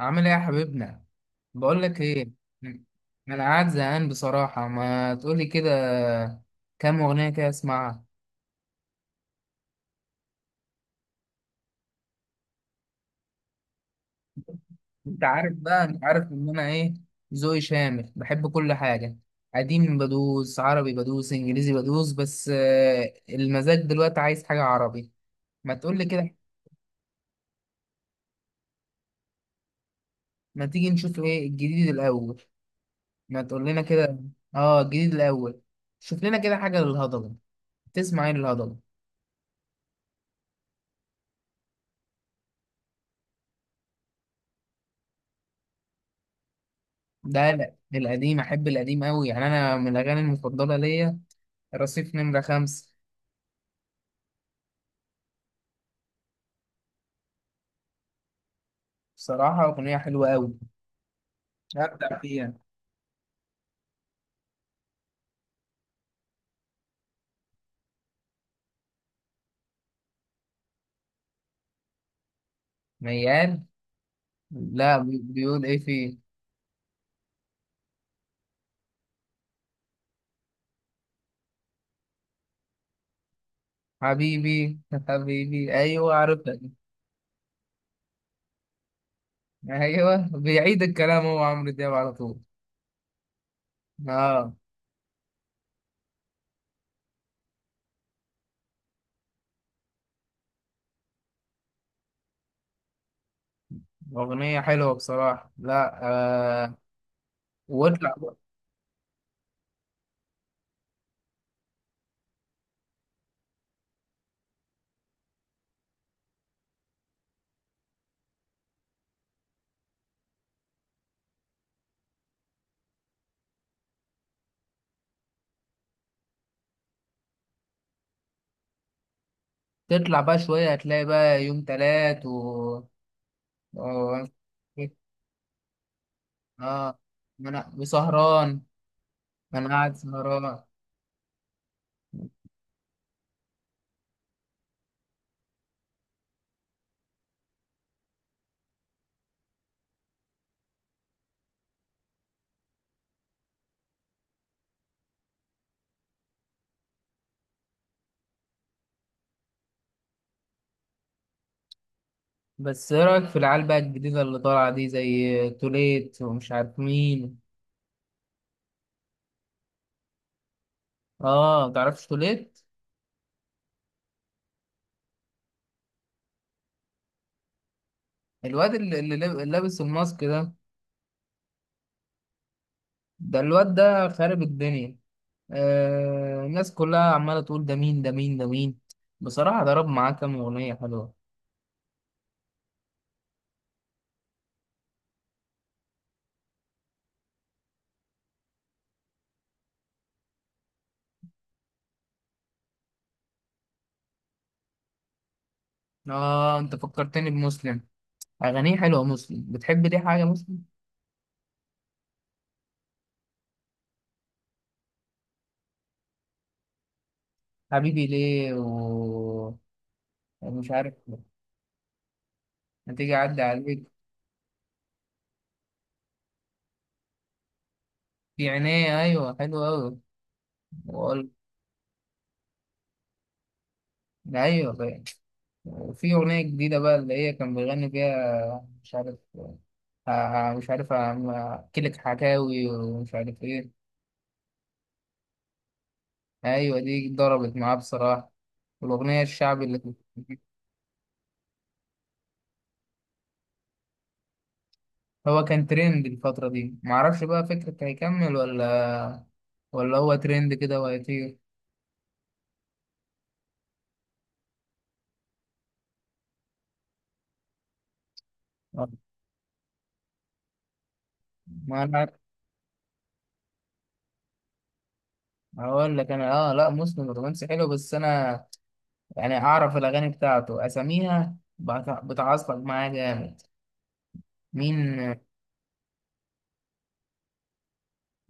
عامل ايه يا حبيبنا؟ بقول لك ايه، انا قاعد زهقان بصراحه، ما تقولي كده كام اغنيه كده اسمعها. انت عارف بقى، انت عارف ان انا ايه، ذوقي شامل بحب كل حاجه. قديم بدوس، عربي بدوس، انجليزي بدوس، بس المزاج دلوقتي عايز حاجه عربي. ما تقولي كده، ما تيجي نشوف ايه الجديد الاول؟ ما تقول لنا كده. اه الجديد الاول، شوف لنا كده حاجه للهضبه. تسمع ايه للهضبه؟ ده لا، القديم احب، القديم قوي يعني، انا من الاغاني المفضله ليا رصيف نمره خمسة. بصراحه اغنيه حلوه قوي، هبدع فيها. ميال، لا بيقول ايه فيه؟ حبيبي، حبيبي ايوه عرفتك. ايوه بيعيد الكلام هو عمرو دياب على طول. اه اغنيه حلوه بصراحه. لا، آه، واطلع. تطلع بقى شويه هتلاقي بقى يوم تلات و- اه، ما انا وسهران، انا قاعد سهران. بس ايه رأيك في العيال بقى الجديدة اللي طالعة دي، زي توليت ومش عارف مين؟ اه، متعرفش توليت؟ الواد اللي لابس الماسك ده، ده الواد ده خارب الدنيا. آه الناس كلها عمالة تقول ده مين، ده مين، ده مين؟ بصراحة ضرب معاه كام أغنية حلوة. اه انت فكرتني بمسلم. أغانيه حلوة مسلم، بتحب دي حاجة مسلم؟ حبيبي ليه، و مش عارف، هتيجي أعدي عليك، في عينيه، أيوة حلوة أوي. وقول- أيوة، في أغنية جديدة بقى اللي هي كان بيغني فيها، مش عارف، مش عارف، أحكيلك حكاوي ومش عارف إيه. أيوة دي ضربت معاه بصراحة. والأغنية الشعبي اللي كنت. هو كان ترند الفترة دي، معرفش بقى فكرة هيكمل ولا، ولا هو ترند كده وهيطير. آه. ما أنا هقول لك أنا، آه لا، مسلم الرومانسي حلو، بس أنا يعني أعرف الأغاني بتاعته أساميها بتعصب معايا جامد. مين؟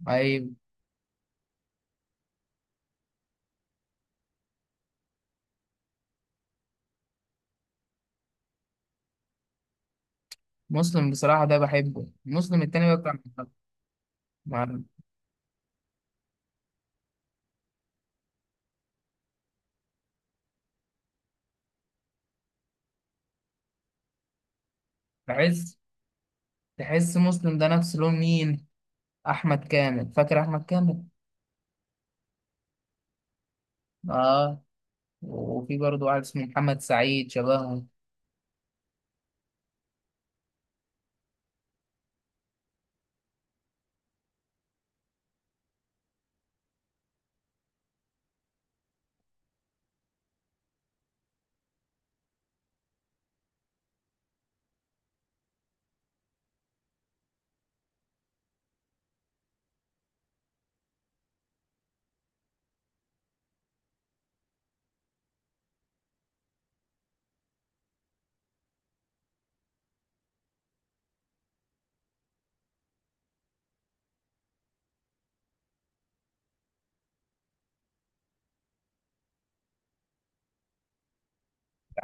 أيوة مسلم بصراحة ده بحبه، مسلم التاني بقى بتاع المنتخب. مع- بحس، تحس مسلم ده نفس لون مين؟ أحمد كامل، فاكر أحمد كامل؟ آه، وفي برضه واحد اسمه محمد سعيد شبهه.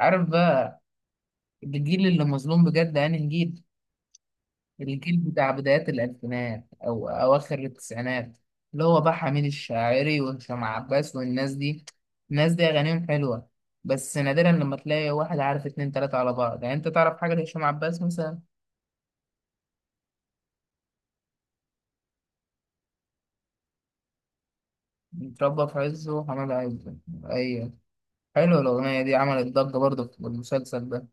عارف بقى الجيل اللي مظلوم بجد أنهي جيل؟ الجيل بتاع بدايات الألفينات أو أواخر التسعينات، اللي هو بقى حميد الشاعري وهشام عباس والناس دي. الناس دي أغانيهم حلوة، بس نادرا لما تلاقي واحد عارف اتنين تلاتة على بعض. يعني أنت تعرف حاجة لهشام عباس مثلا؟ اتربى في عزه وحماد عزه، ايوه. حلوه الاغنيه دي، عملت ضجه برضه في المسلسل ده.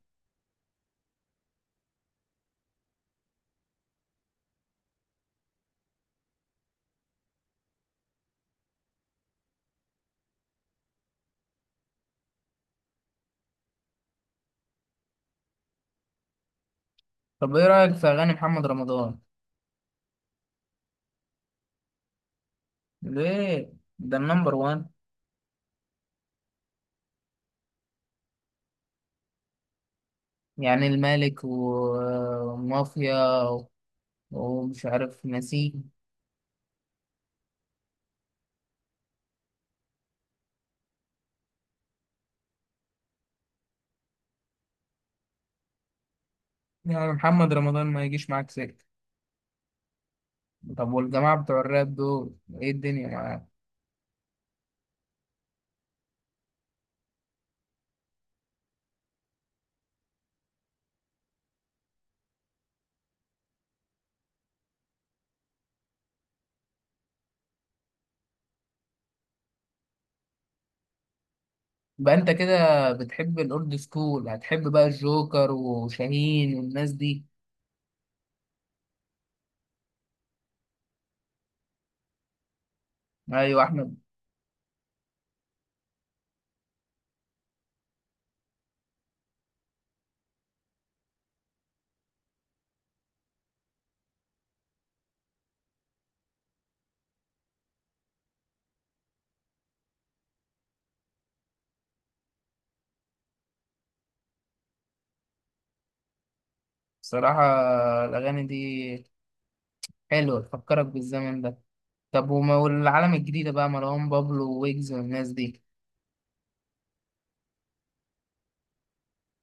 طب ايه رايك في اغاني محمد رمضان؟ ليه؟ ده النمبر وان، يعني الملك ومافيا ومش عارف نسيم. يعني محمد رمضان ما يجيش معاك سكه؟ طب والجماعه بتوع الراب دول، ايه الدنيا معاك؟ بقى انت كده بتحب الاولد سكول، هتحب بقى الجوكر وشاهين والناس دي. ايوه احمد. صراحه الاغاني دي حلو تفكرك بالزمن ده. طب وما والعالم الجديدة بقى، مروان بابلو ويجز والناس دي؟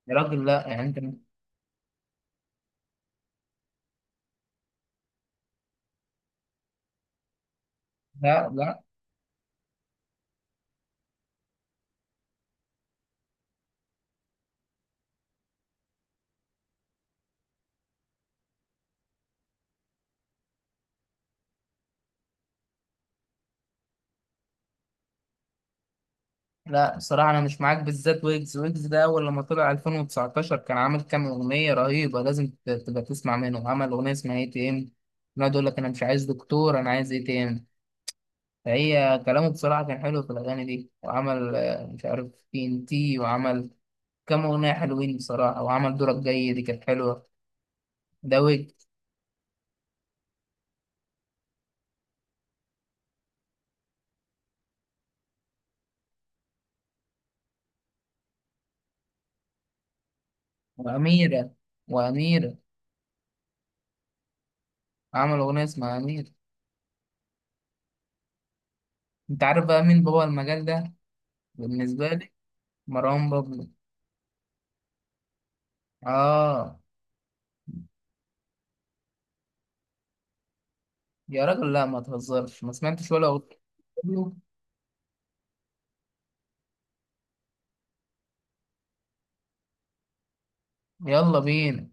يا راجل لا، يعني انت، لا لا لا الصراحة أنا مش معاك، بالذات ويجز. ويجز ده أول لما طلع 2019 كان عامل كام أغنية رهيبة، لازم تبقى تسمع منه. عمل أغنية اسمها اي تي ام، يقعد يقول لك أنا مش عايز دكتور أنا عايز اي تي ام. فهي كلامه بصراحة كان حلو في الأغاني دي. وعمل مش عارف تي ان تي، وعمل كام أغنية حلوين بصراحة، وعمل دورك جاي دي كانت حلوة ده. وأميرة، وأميرة، عمل أغنية اسمها أميرة. أنت عارف بقى مين بابا المجال ده بالنسبة لي؟ مروان بابلو، آه. يا راجل لا ما تهزرش، ما سمعتش ولا أغنية له؟ يلا بينا.